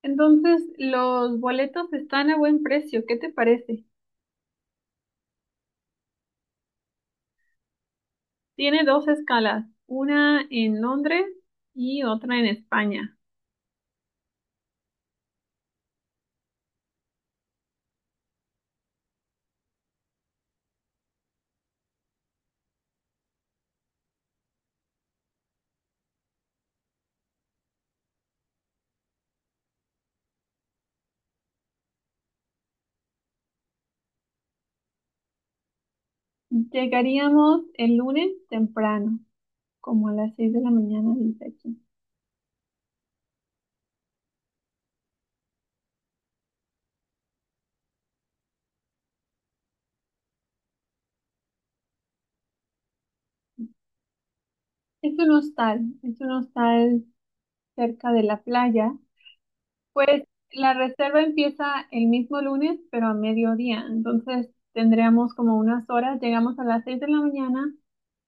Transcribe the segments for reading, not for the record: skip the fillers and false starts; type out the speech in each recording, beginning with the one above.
Entonces, los boletos están a buen precio. ¿Qué te parece? Tiene dos escalas, una en Londres y otra en España. Llegaríamos el lunes temprano, como a las 6 de la mañana, dice aquí. Es un hostal cerca de la playa. Pues la reserva empieza el mismo lunes, pero a mediodía. Entonces, tendríamos como unas horas. Llegamos a las 6 de la mañana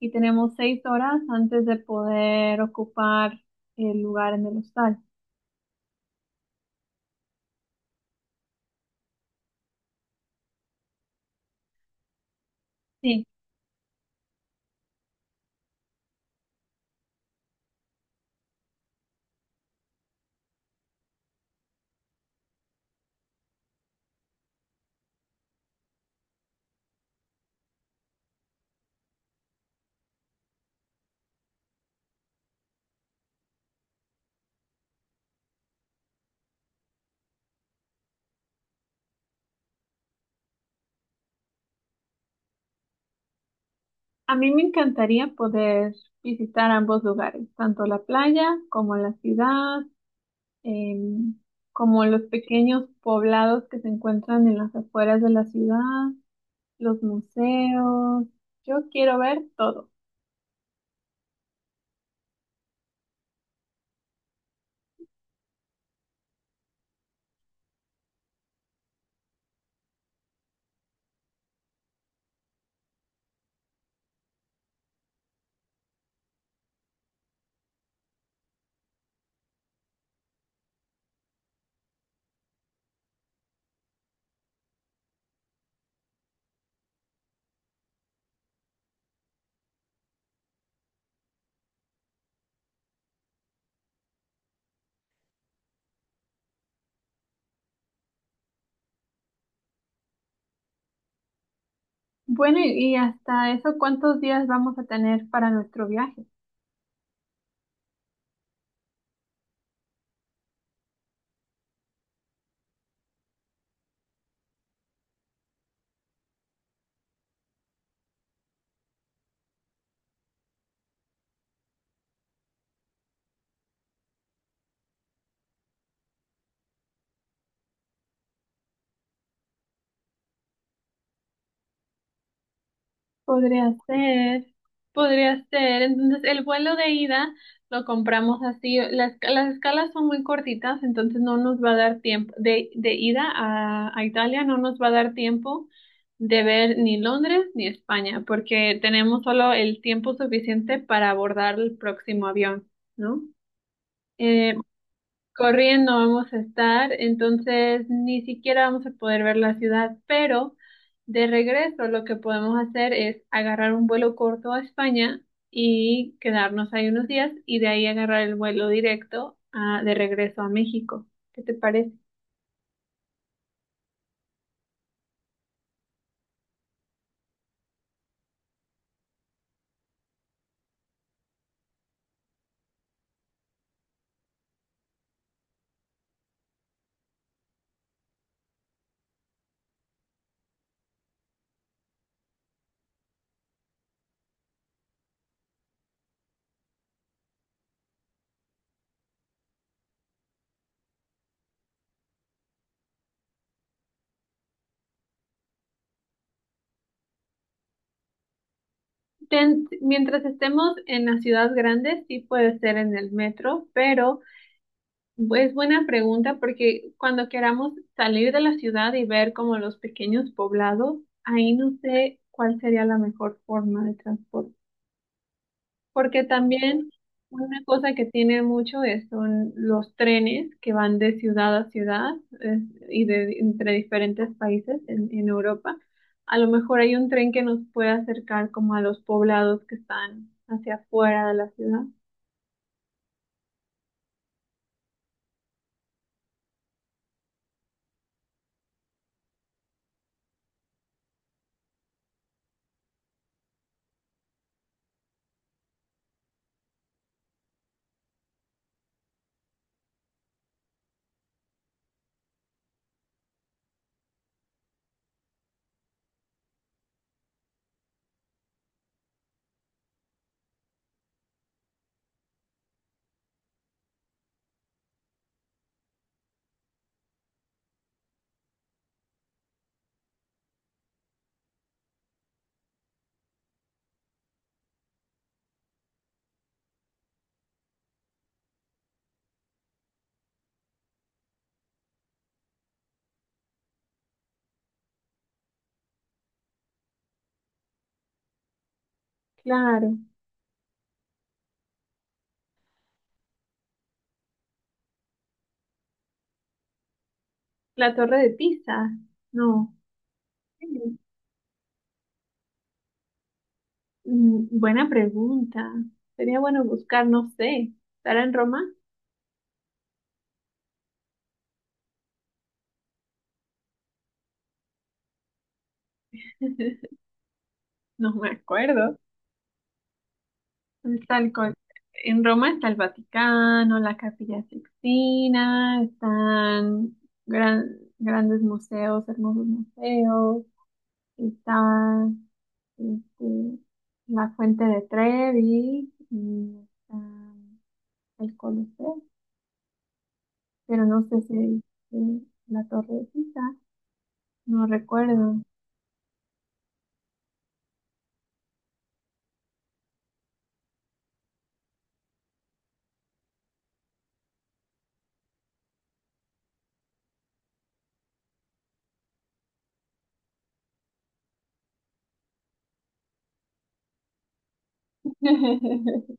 y tenemos 6 horas antes de poder ocupar el lugar en el hostal. Sí, a mí me encantaría poder visitar ambos lugares, tanto la playa como la ciudad, em, como los pequeños poblados que se encuentran en las afueras de la ciudad, los museos. Yo quiero ver todo. Bueno, y hasta eso, ¿cuántos días vamos a tener para nuestro viaje? Podría ser, podría ser. Entonces, el vuelo de ida lo compramos así. Las escalas son muy cortitas, entonces no nos va a dar tiempo. De ida a Italia no nos va a dar tiempo de ver ni Londres ni España, porque tenemos solo el tiempo suficiente para abordar el próximo avión, ¿no? Eh, Corriendo vamos a estar, entonces ni siquiera vamos a poder ver la ciudad, pero de regreso lo que podemos hacer es agarrar un vuelo corto a España y quedarnos ahí unos días y de ahí agarrar el vuelo directo de regreso a México. ¿Qué te parece? Mientras estemos en las ciudades grandes, sí puede ser en el metro, pero es buena pregunta porque cuando queramos salir de la ciudad y ver como los pequeños poblados, ahí no sé cuál sería la mejor forma de transporte. Porque también una cosa que tiene mucho es, son los trenes que van de ciudad a ciudad es- y de entre diferentes países en Europa. A lo mejor hay un tren que nos puede acercar como a los poblados que están hacia afuera de la ciudad. Claro, la Torre de Pisa, no. Mm, buena pregunta. Sería bueno buscar, no sé, ¿estará en Roma? No me acuerdo. Está el co- en Roma está el Vaticano, la Capilla Sixtina, están grandes museos, hermosos museos, está este, la Fuente de Trevi y está el Coliseo, pero no sé si la Torre de Pisa, no recuerdo.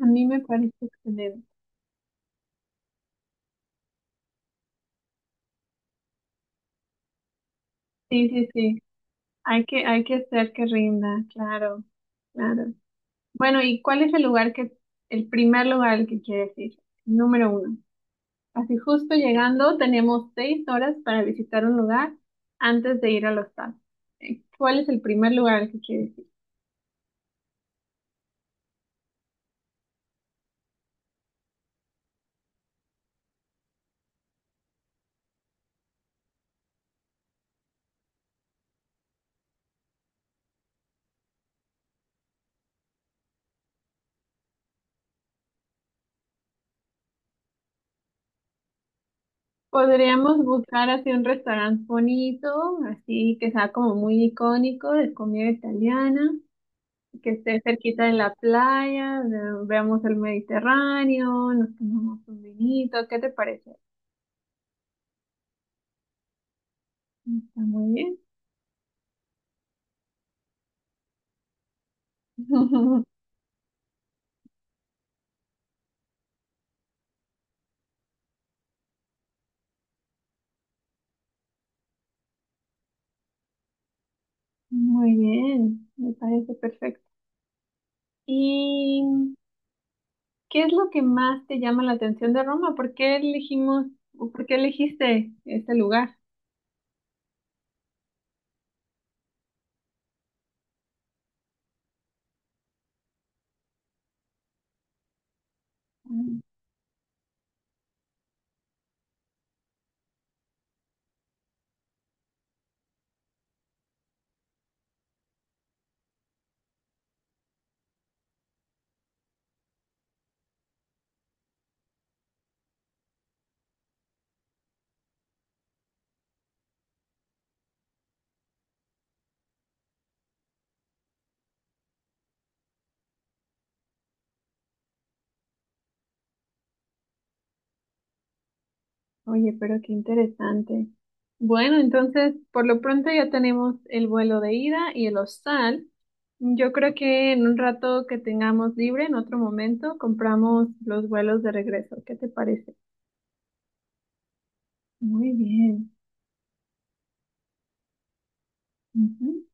A mí me parece excelente. Sí, sí, sí. Hay que hacer que rinda, claro, claro. Bueno, ¿y cuál es el lugar que, el primer lugar al que quieres ir? Número uno. Así justo llegando, tenemos 6 horas para visitar un lugar antes de ir al hostal. ¿Cuál es el primer lugar al que quieres ir? Podríamos buscar así un restaurante bonito, así que sea como muy icónico de comida italiana, que esté cerquita de la playa, veamos el Mediterráneo, nos tomamos un vinito, ¿qué te parece? Está muy bien. Muy bien, me parece perfecto. ¿Y qué es lo que más te llama la atención de Roma? ¿Por qué elegimos o por qué elegiste este lugar? Oye, pero qué interesante. Bueno, entonces, por lo pronto ya tenemos el vuelo de ida y el hostal. Yo creo que en un rato que tengamos libre, en otro momento, compramos los vuelos de regreso. ¿Qué te parece? Muy bien. Ujú.